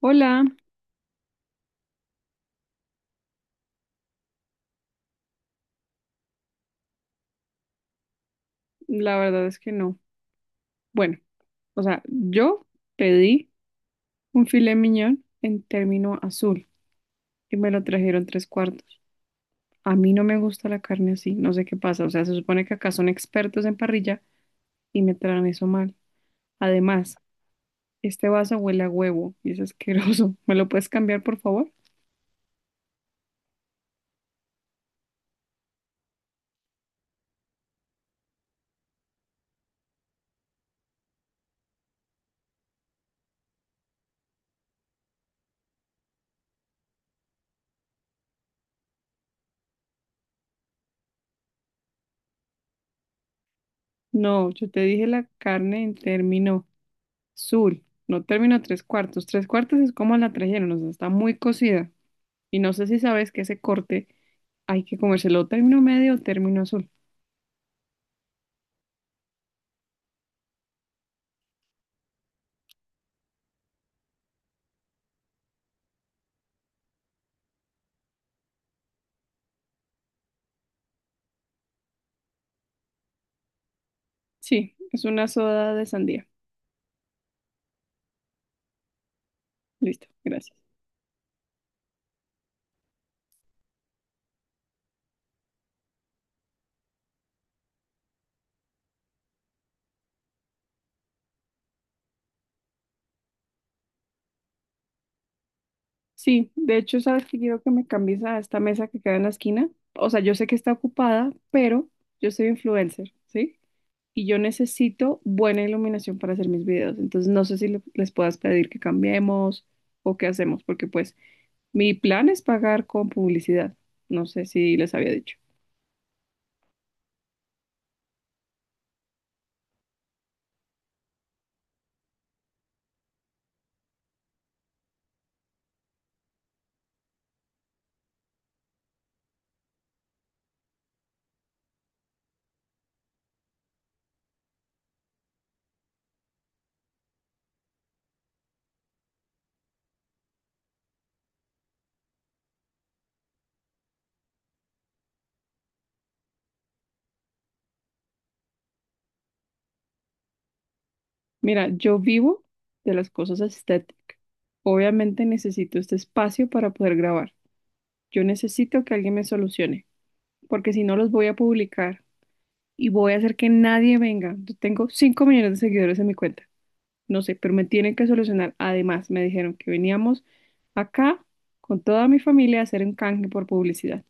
Hola, la verdad es que no. Bueno, yo pedí un filet mignon en término azul y me lo trajeron tres cuartos. A mí no me gusta la carne así, no sé qué pasa. O sea, se supone que acá son expertos en parrilla y me traen eso mal. Además, este vaso huele a huevo y es asqueroso. ¿Me lo puedes cambiar, por favor? No, yo te dije la carne en término azul, no término tres cuartos. Tres cuartos es como la trajeron, o sea, está muy cocida. Y no sé si sabes que ese corte hay que comérselo término medio o término azul. Sí, es una soda de sandía. Listo, gracias. Sí, de hecho, sabes que quiero que me cambies a esta mesa que queda en la esquina. O sea, yo sé que está ocupada, pero yo soy influencer, ¿sí? Y yo necesito buena iluminación para hacer mis videos. Entonces, no sé si les puedas pedir que cambiemos o qué hacemos, porque pues mi plan es pagar con publicidad. No sé si les había dicho. Mira, yo vivo de las cosas estéticas. Obviamente necesito este espacio para poder grabar. Yo necesito que alguien me solucione, porque si no los voy a publicar y voy a hacer que nadie venga. Yo tengo 5 millones de seguidores en mi cuenta. No sé, pero me tienen que solucionar. Además, me dijeron que veníamos acá con toda mi familia a hacer un canje por publicidad.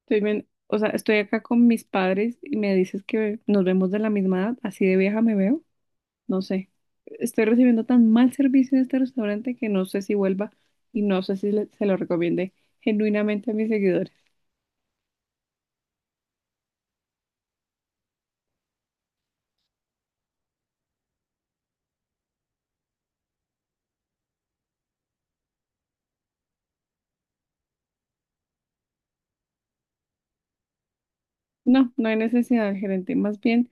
Estoy ven- o sea, Estoy acá con mis padres y me dices que nos vemos de la misma edad. Así de vieja me veo. No sé, estoy recibiendo tan mal servicio en este restaurante que no sé si vuelva y no sé si se lo recomiende genuinamente a mis seguidores. No, no hay necesidad, gerente. Más bien,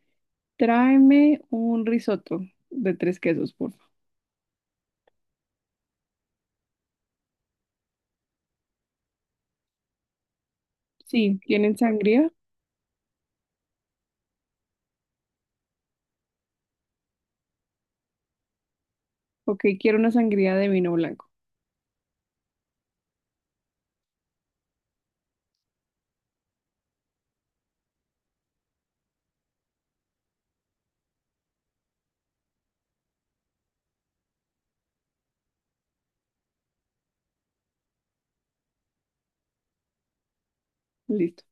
tráeme un risotto de tres quesos, por favor. Sí, ¿tienen sangría? Ok, quiero una sangría de vino blanco. Listo.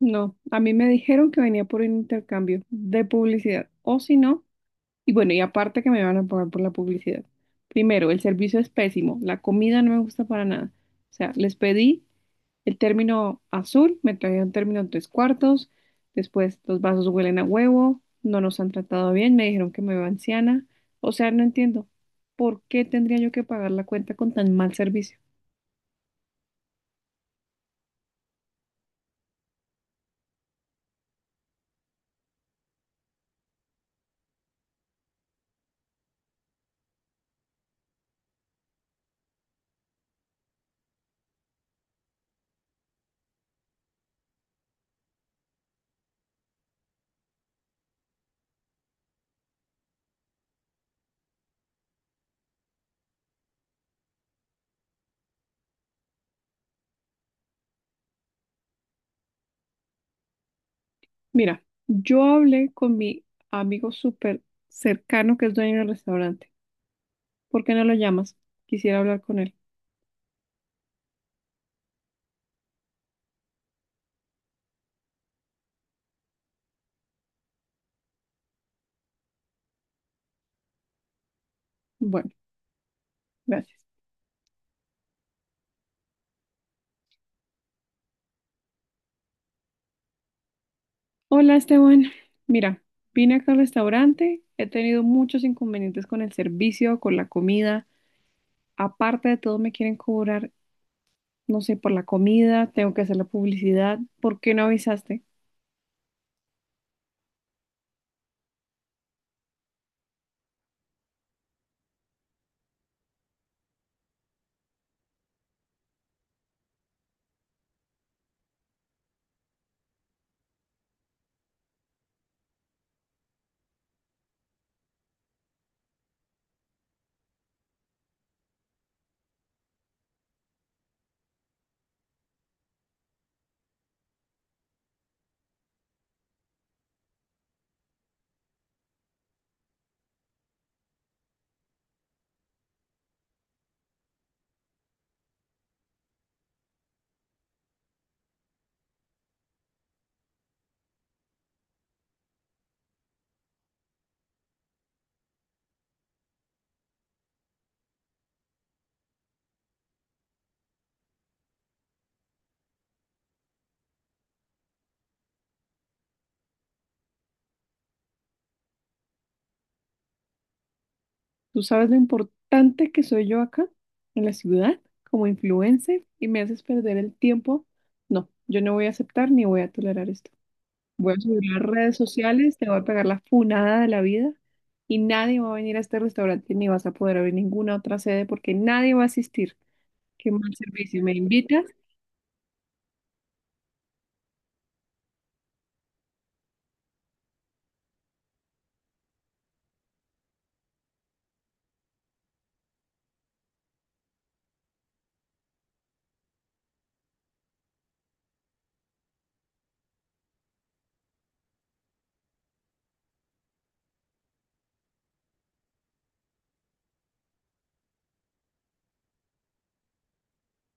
No, a mí me dijeron que venía por un intercambio de publicidad, o si no, y bueno, y aparte que me van a pagar por la publicidad. Primero, el servicio es pésimo, la comida no me gusta para nada. O sea, les pedí. El término azul me traía un término en tres cuartos. Después, los vasos huelen a huevo. No nos han tratado bien. Me dijeron que me veo anciana. O sea, no entiendo. ¿Por qué tendría yo que pagar la cuenta con tan mal servicio? Mira, yo hablé con mi amigo súper cercano que es dueño del restaurante. ¿Por qué no lo llamas? Quisiera hablar con él. Bueno, gracias. Hola, Esteban. Mira, vine acá al restaurante. He tenido muchos inconvenientes con el servicio, con la comida. Aparte de todo, me quieren cobrar, no sé, por la comida, tengo que hacer la publicidad. ¿Por qué no avisaste? ¿Tú sabes lo importante que soy yo acá en la ciudad como influencer y me haces perder el tiempo? No, yo no voy a aceptar ni voy a tolerar esto. Voy a subir las redes sociales, te voy a pegar la funada de la vida y nadie va a venir a este restaurante ni vas a poder abrir ninguna otra sede porque nadie va a asistir. Qué mal servicio. ¿Me invitas?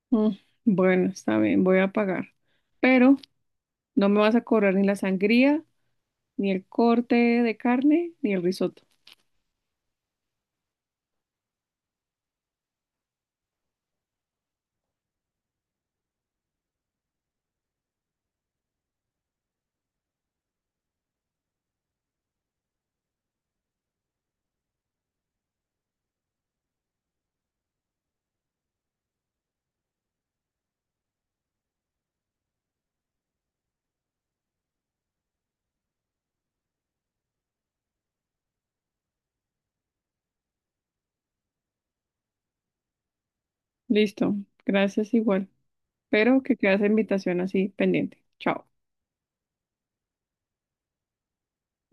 Mm, bueno, está bien, voy a pagar. Pero no me vas a cobrar ni la sangría, ni el corte de carne, ni el risotto. Listo, gracias igual. Pero que quede esa invitación así pendiente. Chao.